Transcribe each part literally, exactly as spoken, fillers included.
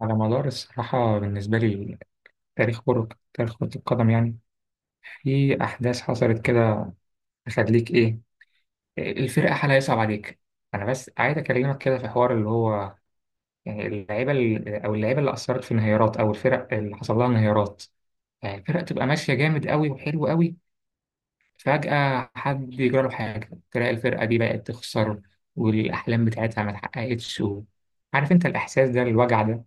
على مدار الصراحة بالنسبة لي، تاريخ كرة تاريخ كرة القدم، يعني في أحداث حصلت كده، تخليك إيه، الفرقة حالها يصعب عليك. أنا بس عايز أكلمك كده في حوار اللي هو يعني اللعيبة ال- أو اللعيبة اللي أثرت في انهيارات، أو الفرق اللي حصل لها انهيارات. يعني الفرقة تبقى ماشية جامد قوي وحلو قوي، فجأة حد يجرى له حاجة، تلاقي الفرقة دي بقت تخسر والأحلام بتاعتها ما اتحققتش و- عارف أنت الإحساس ده، الوجع ده.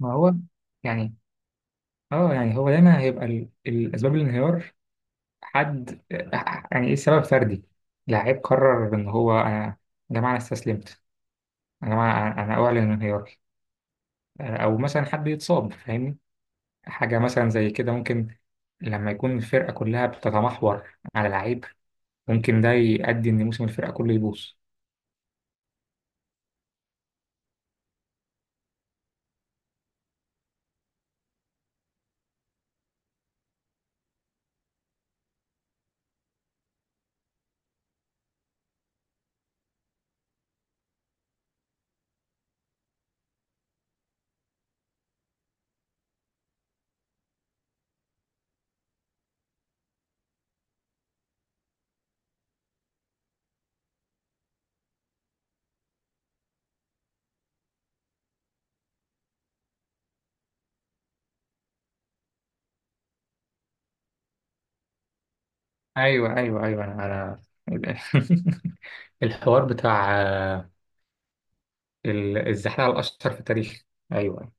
ما هو يعني اه يعني هو دايما هيبقى ال- الاسباب الانهيار حد، يعني ايه؟ سبب فردي، لعيب قرر ان هو، انا يا جماعه انا استسلمت، يا جماعه انا أنا اعلن انهياري، او مثلا حد يتصاب، فاهمني، حاجه مثلا زي كده ممكن. لما يكون الفرقه كلها بتتمحور على لعيب، ممكن ده يؤدي ان موسم الفرقه كله يبوظ. ايوه ايوه ايوه انا انا الحوار بتاع آه، ال- الزحلقه الاشهر في التاريخ، ايوه.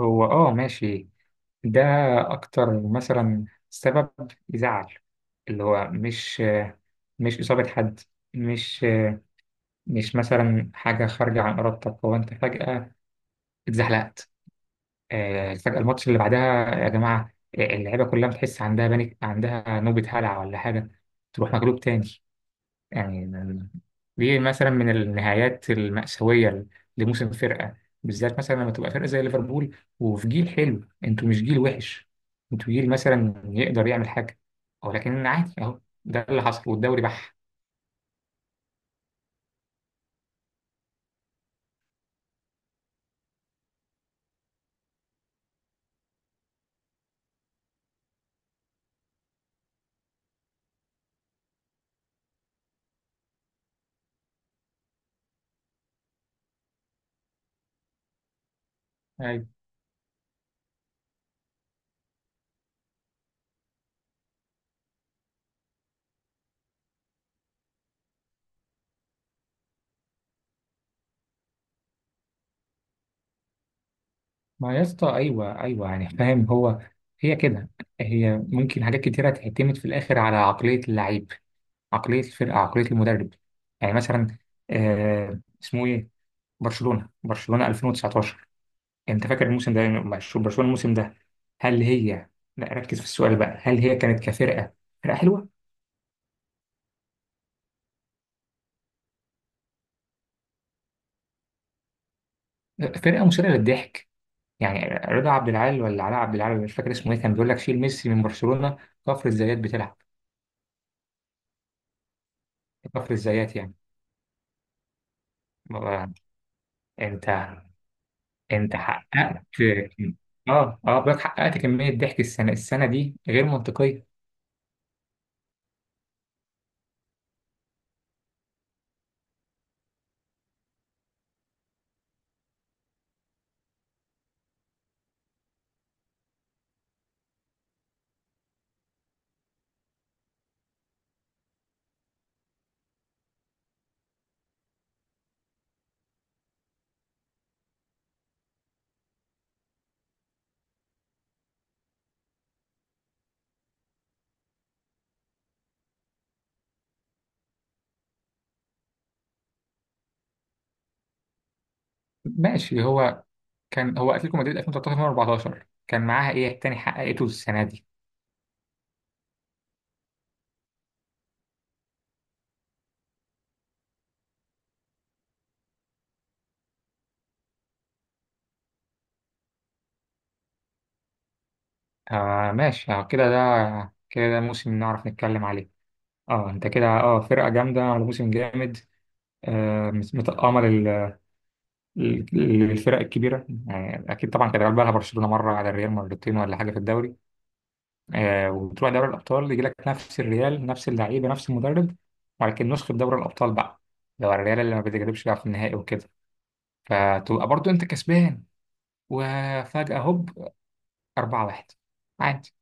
هو اه ماشي، ده أكتر مثلا سبب يزعل، اللي هو مش، مش إصابة حد، مش، مش مثلا حاجة خارجة عن إرادتك. هو أنت فجأة اتزحلقت، آه، فجأة الماتش اللي بعدها، يا جماعة، آه، اللعيبة كلها بتحس عندها بانيك، عندها نوبة هلع ولا حاجة، تروح مغلوب تاني. يعني دي مثلا من النهايات المأساوية لموسم فرقة، بالذات مثلا لما تبقى فرقة زي ليفربول وفي جيل حلو. انتوا مش جيل وحش، انتوا جيل مثلا يقدر يعمل حاجة، ولكن عادي اهو ده اللي حصل والدوري بح. أيوة. ما يا اسطى ايوه ايوه، يعني فاهم، هو هي كده، هي ممكن حاجات كتيرة تعتمد في الآخر على عقلية اللعيب، عقلية الفرقة، عقلية المدرب. يعني مثلا، آه اسمه ايه، برشلونة برشلونة ألفين وتسعة عشر، انت فاكر الموسم ده مع شو- برشلونة الموسم ده؟ هل هي، لا ركز في السؤال بقى، هل هي كانت كفرقة، فرقة حلوة؟ فرقة مثيرة للضحك يعني. رضا عبد العال ولا علاء عبد العال ولا مش فاكر اسمه ايه، كان بيقول لك شيل ميسي من برشلونة، كفر الزيات بتلعب، كفر الزيات يعني. ما- انت انت حققت، اه اه بقولك حققت كمية ضحك السنة السنة دي غير منطقية. ماشي، هو كان هو اتلتيكو مدريد ألفين وتلتاشر ألفين واربعتاشر، كان معاها ايه تاني حققته السنة دي؟ آه ماشي، آه كده ده كده ده موسم نعرف نتكلم عليه. اه انت كده، اه فرقة جامدة على موسم جامد. آه مت- متأمل ال- ال- الفرق الكبيرة، يعني أكيد طبعا كان بقى لها برشلونة مرة على الريال، مرتين ولا حاجة في الدوري. آه وتروح دوري الأبطال، يجي لك نفس الريال، نفس اللعيبة، نفس المدرب، ولكن نسخة دوري الأبطال بقى، لو الريال اللي ما بتجربش بقى في النهائي وكده، فتبقى برضو أنت كسبان، وفجأة هوب، أربعة واحد، عادي.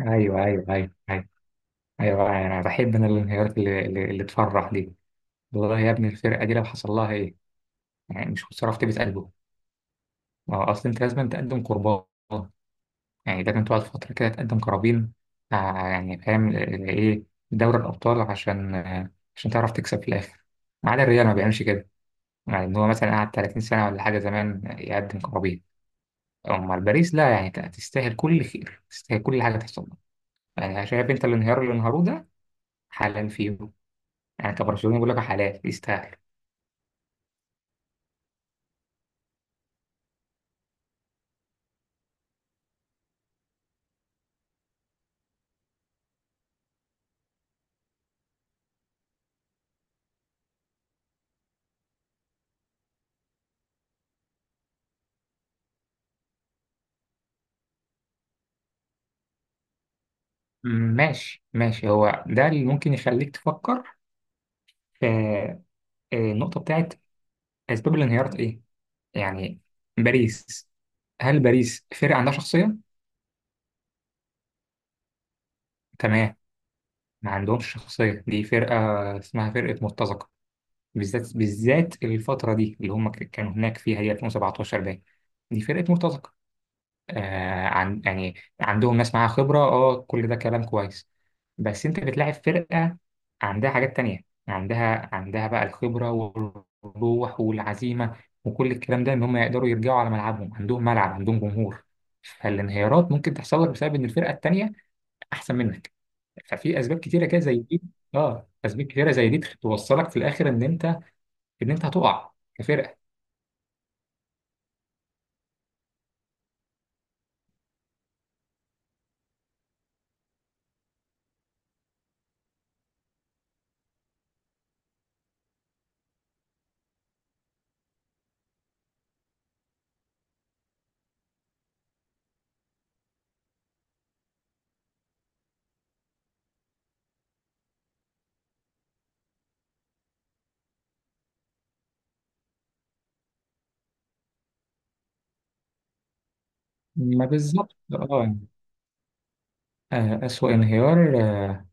ايوه ايوه ايوه ايوه ايوه انا بحب انا الانهيارات اللي, اللي, اللي تفرح دي. والله يا ابني الفرقه دي لو حصل لها ايه، يعني مش خساره في طيبه قلبه. ما هو اصل انت لازم تقدم قربان، يعني لازم تقعد فتره كده تقدم قرابين، آه، يعني فاهم، ل- ل- ايه، دوري الابطال، عشان آه، عشان تعرف تكسب في الاخر. ما عدا الريال، ما بيعملش كده، يعني ان هو مثلا قعد تلاتين سنه ولا حاجه زمان يقدم قرابين. اما الباريس لا، يعني ت- تستاهل كل خير، تستاهل كل حاجه تحصل لها. يعني شايف انت الانهيار اللي انهاروا ده؟ حلال فيه، يعني كبرشلوني بقول لك حلال، يستاهل. ماشي ماشي، هو ده اللي ممكن يخليك تفكر في آه، النقطة بتاعت أسباب الانهيار إيه؟ يعني باريس، هل باريس فرقة عندها شخصية؟ تمام، ما عندهمش شخصية. دي فرقة اسمها فرقة مرتزقة، بالذات بالذات الفترة دي اللي هم ك- كانوا هناك فيها، هي ألفين وسبعتاشر باين، دي فرقة مرتزقة. آه عن يعني عندهم ناس معاها خبرة، اه كل ده كلام كويس، بس انت بتلاعب فرقة عندها حاجات تانية، عندها عندها بقى الخبرة والروح والعزيمة، وكل الكلام ده، ان هم يقدروا يرجعوا على ملعبهم، عندهم ملعب، عندهم جمهور. فالانهيارات ممكن تحصل لك بسبب ان الفرقة التانية احسن منك، ففي اسباب كتيرة كده زي دي. اه اسباب كتيرة زي دي توصلك في الاخر ان انت، ان انت هتقع كفرقة. ما بالظبط، اه آه، أسوأ انهيار، آه،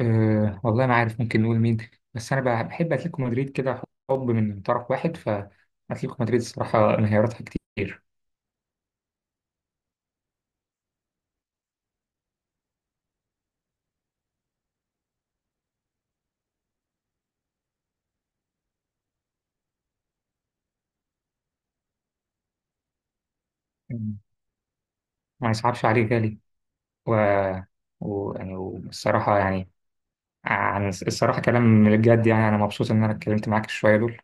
أه والله ما عارف ممكن نقول مين، بس انا بحب اتلتيكو مدريد كده، حب من طرف واحد، فاتلتيكو مدريد الصراحه انهياراتها كتير. مم. ما يصعبش عليه غالي. و... و... يعني والصراحه يعني، عن الصراحه كلام من الجد، يعني انا مبسوط ان انا اتكلمت معاك شويه دول